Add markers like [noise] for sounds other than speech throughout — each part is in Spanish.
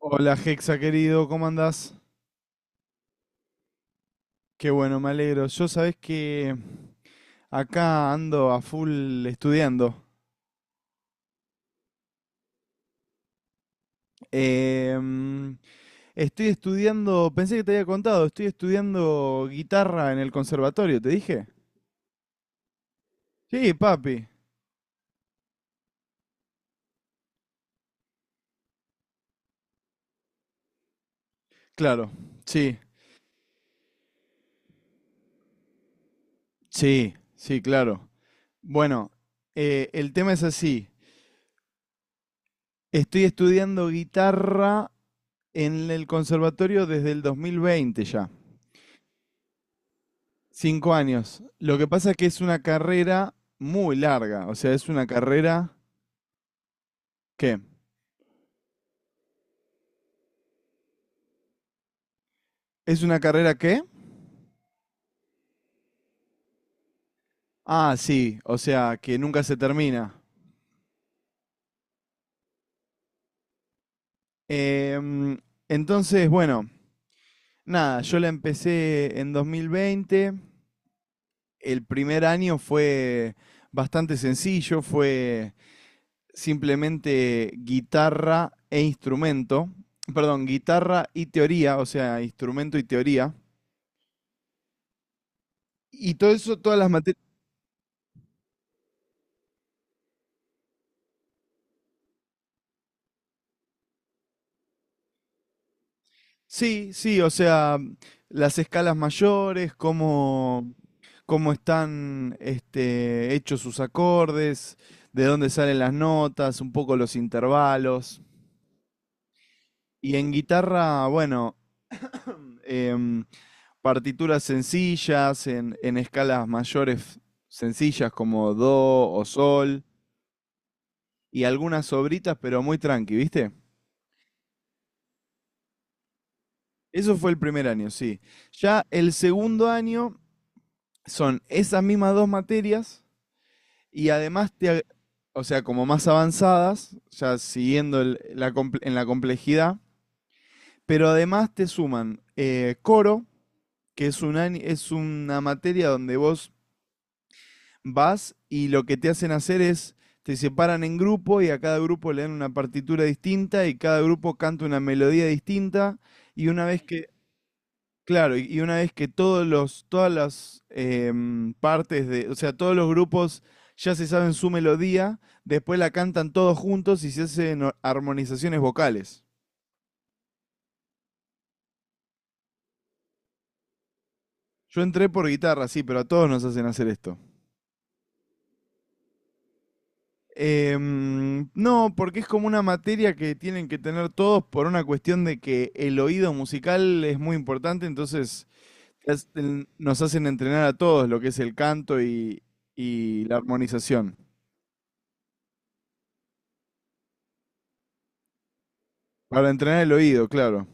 Hola Hexa querido, ¿cómo andás? Qué bueno, me alegro. Yo sabés que acá ando a full estudiando. Em, Estoy estudiando, pensé que te había contado, estoy estudiando guitarra en el conservatorio, ¿te dije? Sí, papi. Claro, sí, sí, sí, claro. Bueno, el tema es así. Estoy estudiando guitarra en el conservatorio desde el 2020 ya. 5 años. Lo que pasa es que es una carrera muy larga. O sea, es una carrera ¿qué? ¿Es una carrera qué? Ah, sí. O sea, que nunca se termina. Em, entonces, bueno, nada, yo la empecé en 2020. El primer año fue bastante sencillo. Fue simplemente guitarra e instrumento. Perdón, guitarra y teoría. O sea, instrumento y teoría. Y todo eso, todas las materias... Sí, sí, o sea, las escalas mayores, cómo están este, hechos sus acordes, de dónde salen las notas, un poco los intervalos. Y en guitarra, bueno, em, partituras sencillas, en escalas mayores sencillas como do o sol, y algunas sobritas, pero muy tranqui, ¿viste? Eso fue el primer año, sí. Ya el segundo año son esas mismas dos materias. Y además, o sea, como más avanzadas, ya siguiendo en la complejidad, pero además te suman coro, que es, es una materia donde vos vas y lo que te hacen hacer es, te separan en grupo y a cada grupo le dan una partitura distinta y cada grupo canta una melodía distinta y una vez que... Claro, y una vez que todos los, todas las partes de, o sea, todos los grupos ya se saben su melodía, después la cantan todos juntos y se hacen armonizaciones vocales. Yo entré por guitarra, sí, pero a todos nos hacen hacer esto. No, porque es como una materia que tienen que tener todos por una cuestión de que el oído musical es muy importante, entonces nos hacen entrenar a todos lo que es el canto y la armonización. Para entrenar el oído, claro.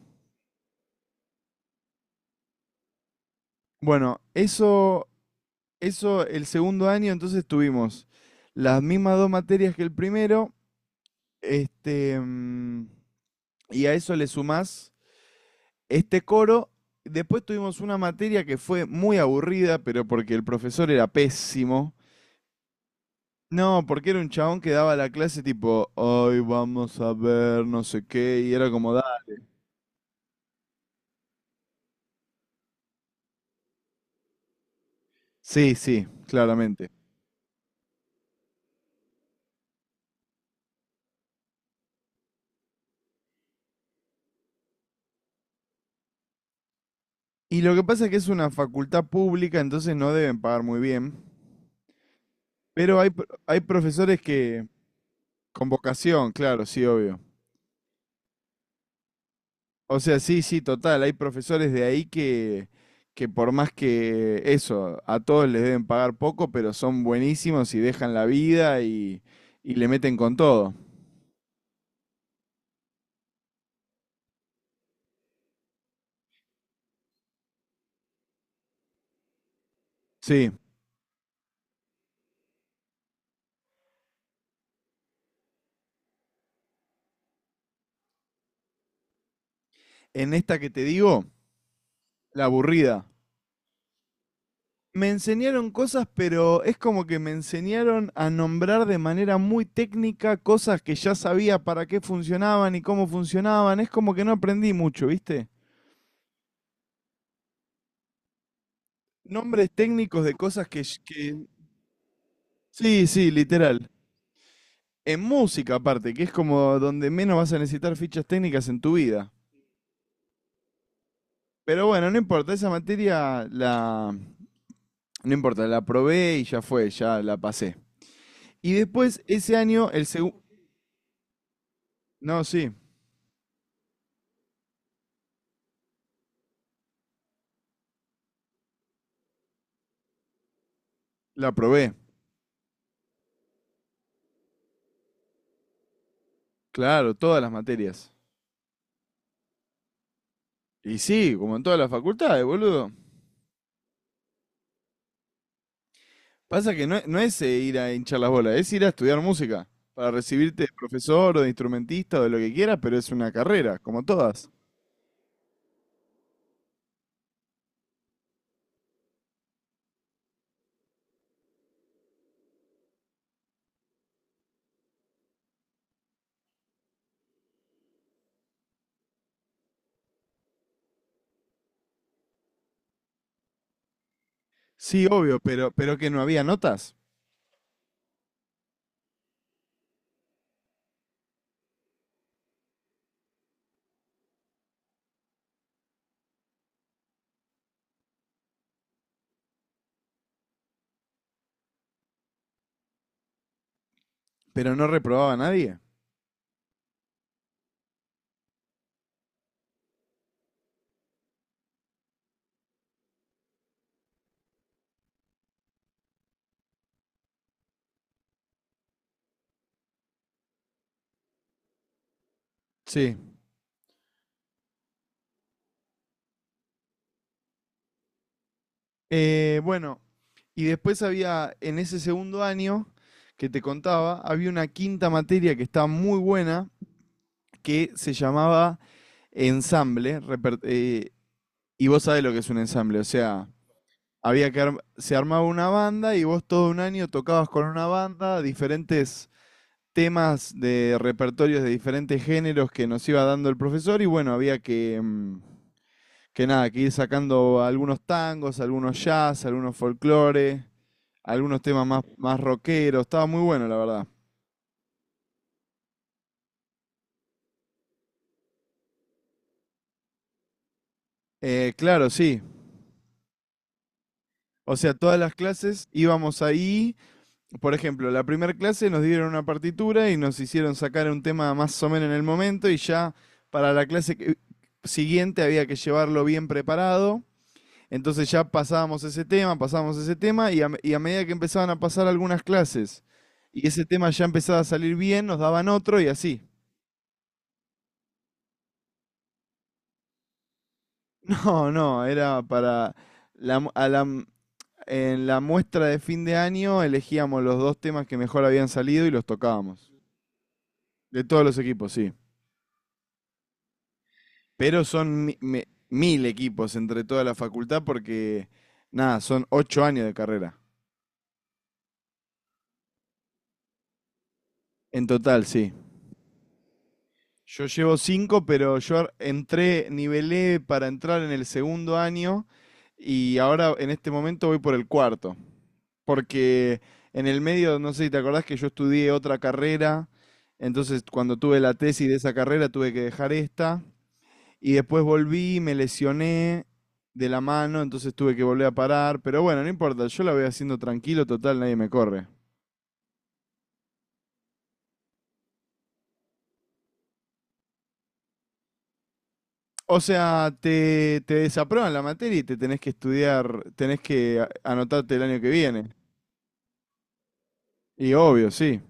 Bueno, eso el segundo año, entonces tuvimos las mismas dos materias que el primero, este, y a eso le sumás este coro. Después tuvimos una materia que fue muy aburrida, pero porque el profesor era pésimo. No, porque era un chabón que daba la clase tipo, hoy vamos a ver no sé qué, y era como, da. Sí, sí, claramente. Y lo que pasa es que es una facultad pública, entonces no deben pagar muy bien. Pero hay profesores que... Con vocación, claro, sí, obvio. O sea, sí, sí, total. Hay profesores de ahí que por más que eso, a todos les deben pagar poco, pero son buenísimos y dejan la vida y le meten con todo. Sí. En esta que te digo, la aburrida. Me enseñaron cosas, pero es como que me enseñaron a nombrar de manera muy técnica cosas que ya sabía para qué funcionaban y cómo funcionaban. Es como que no aprendí mucho, ¿viste? Nombres técnicos de cosas que... Sí, sí, literal. En música aparte, que es como donde menos vas a necesitar fichas técnicas en tu vida. Pero bueno, no importa, esa materia la... No importa, la probé y ya fue, ya la pasé. Y después, ese año, el segundo... No, sí, la probé. Claro, todas las materias. Y sí, como en todas las facultades, boludo. Pasa que no, no es ir a hinchar las bolas, es ir a estudiar música. Para recibirte de profesor o de instrumentista o de lo que quieras, pero es una carrera, como todas. Sí, obvio, pero que no había notas. Pero no reprobaba a nadie. Sí. Bueno, y después había, en ese segundo año que te contaba, había una quinta materia que estaba muy buena, que se llamaba ensamble. Y vos sabés lo que es un ensamble, o sea, había que se armaba una banda y vos todo un año tocabas con una banda diferentes temas de repertorios de diferentes géneros que nos iba dando el profesor y bueno, había que que nada, que ir sacando algunos tangos, algunos jazz, algunos folclore, algunos temas más rockeros, estaba muy bueno, la verdad. Claro, sí. O sea, todas las clases íbamos ahí. Por ejemplo, la primera clase nos dieron una partitura y nos hicieron sacar un tema más o menos en el momento y ya para la clase siguiente había que llevarlo bien preparado. Entonces ya pasábamos ese tema y y a medida que empezaban a pasar algunas clases y ese tema ya empezaba a salir bien, nos daban otro y así. [laughs] No, no, era para la, mu- a la m- en la muestra de fin de año elegíamos los dos temas que mejor habían salido y los tocábamos. De todos los equipos, sí. Pero son mil equipos entre toda la facultad porque, nada, son 8 años de carrera. En total, sí. Yo llevo cinco, pero yo entré, nivelé para entrar en el segundo año y ahora en este momento voy por el cuarto. Porque en el medio, no sé si te acordás que yo estudié otra carrera, entonces cuando tuve la tesis de esa carrera tuve que dejar esta. Y después volví, me lesioné de la mano, entonces tuve que volver a parar. Pero bueno, no importa, yo la voy haciendo tranquilo, total, nadie me corre. O sea, te desaprueban la materia y te tenés que estudiar, tenés que anotarte el año que viene. Y obvio, sí.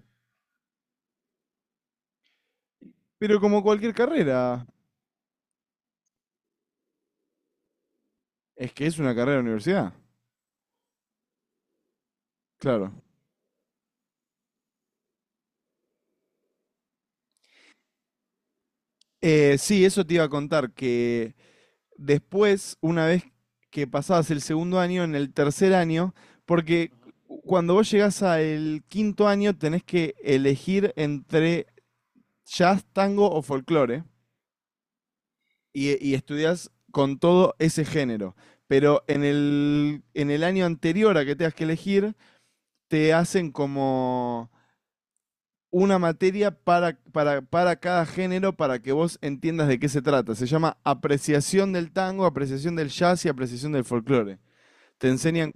Pero como cualquier carrera, es que es una carrera de universidad. Claro. Sí, eso te iba a contar, que después, una vez que pasabas el segundo año, en el tercer año, porque cuando vos llegás al quinto año tenés que elegir entre jazz, tango o folclore y estudias con todo ese género. Pero en el año anterior a que tengas que elegir, te hacen como una materia para cada género para que vos entiendas de qué se trata. Se llama apreciación del tango, apreciación del jazz y apreciación del folclore. Te enseñan,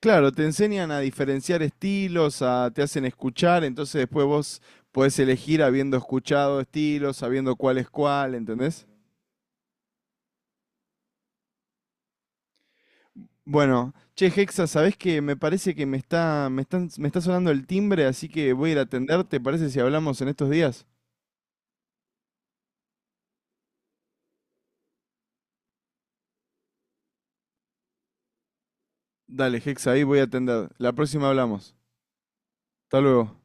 claro, te enseñan a diferenciar estilos, te hacen escuchar, entonces después vos podés elegir habiendo escuchado estilos, sabiendo cuál es cuál, ¿entendés? Bueno, che, Hexa, ¿sabés que me parece que me está sonando el timbre, así que voy a ir a atender? ¿Te parece si hablamos en estos días? Dale, Hexa, ahí voy a atender. La próxima hablamos. Hasta luego.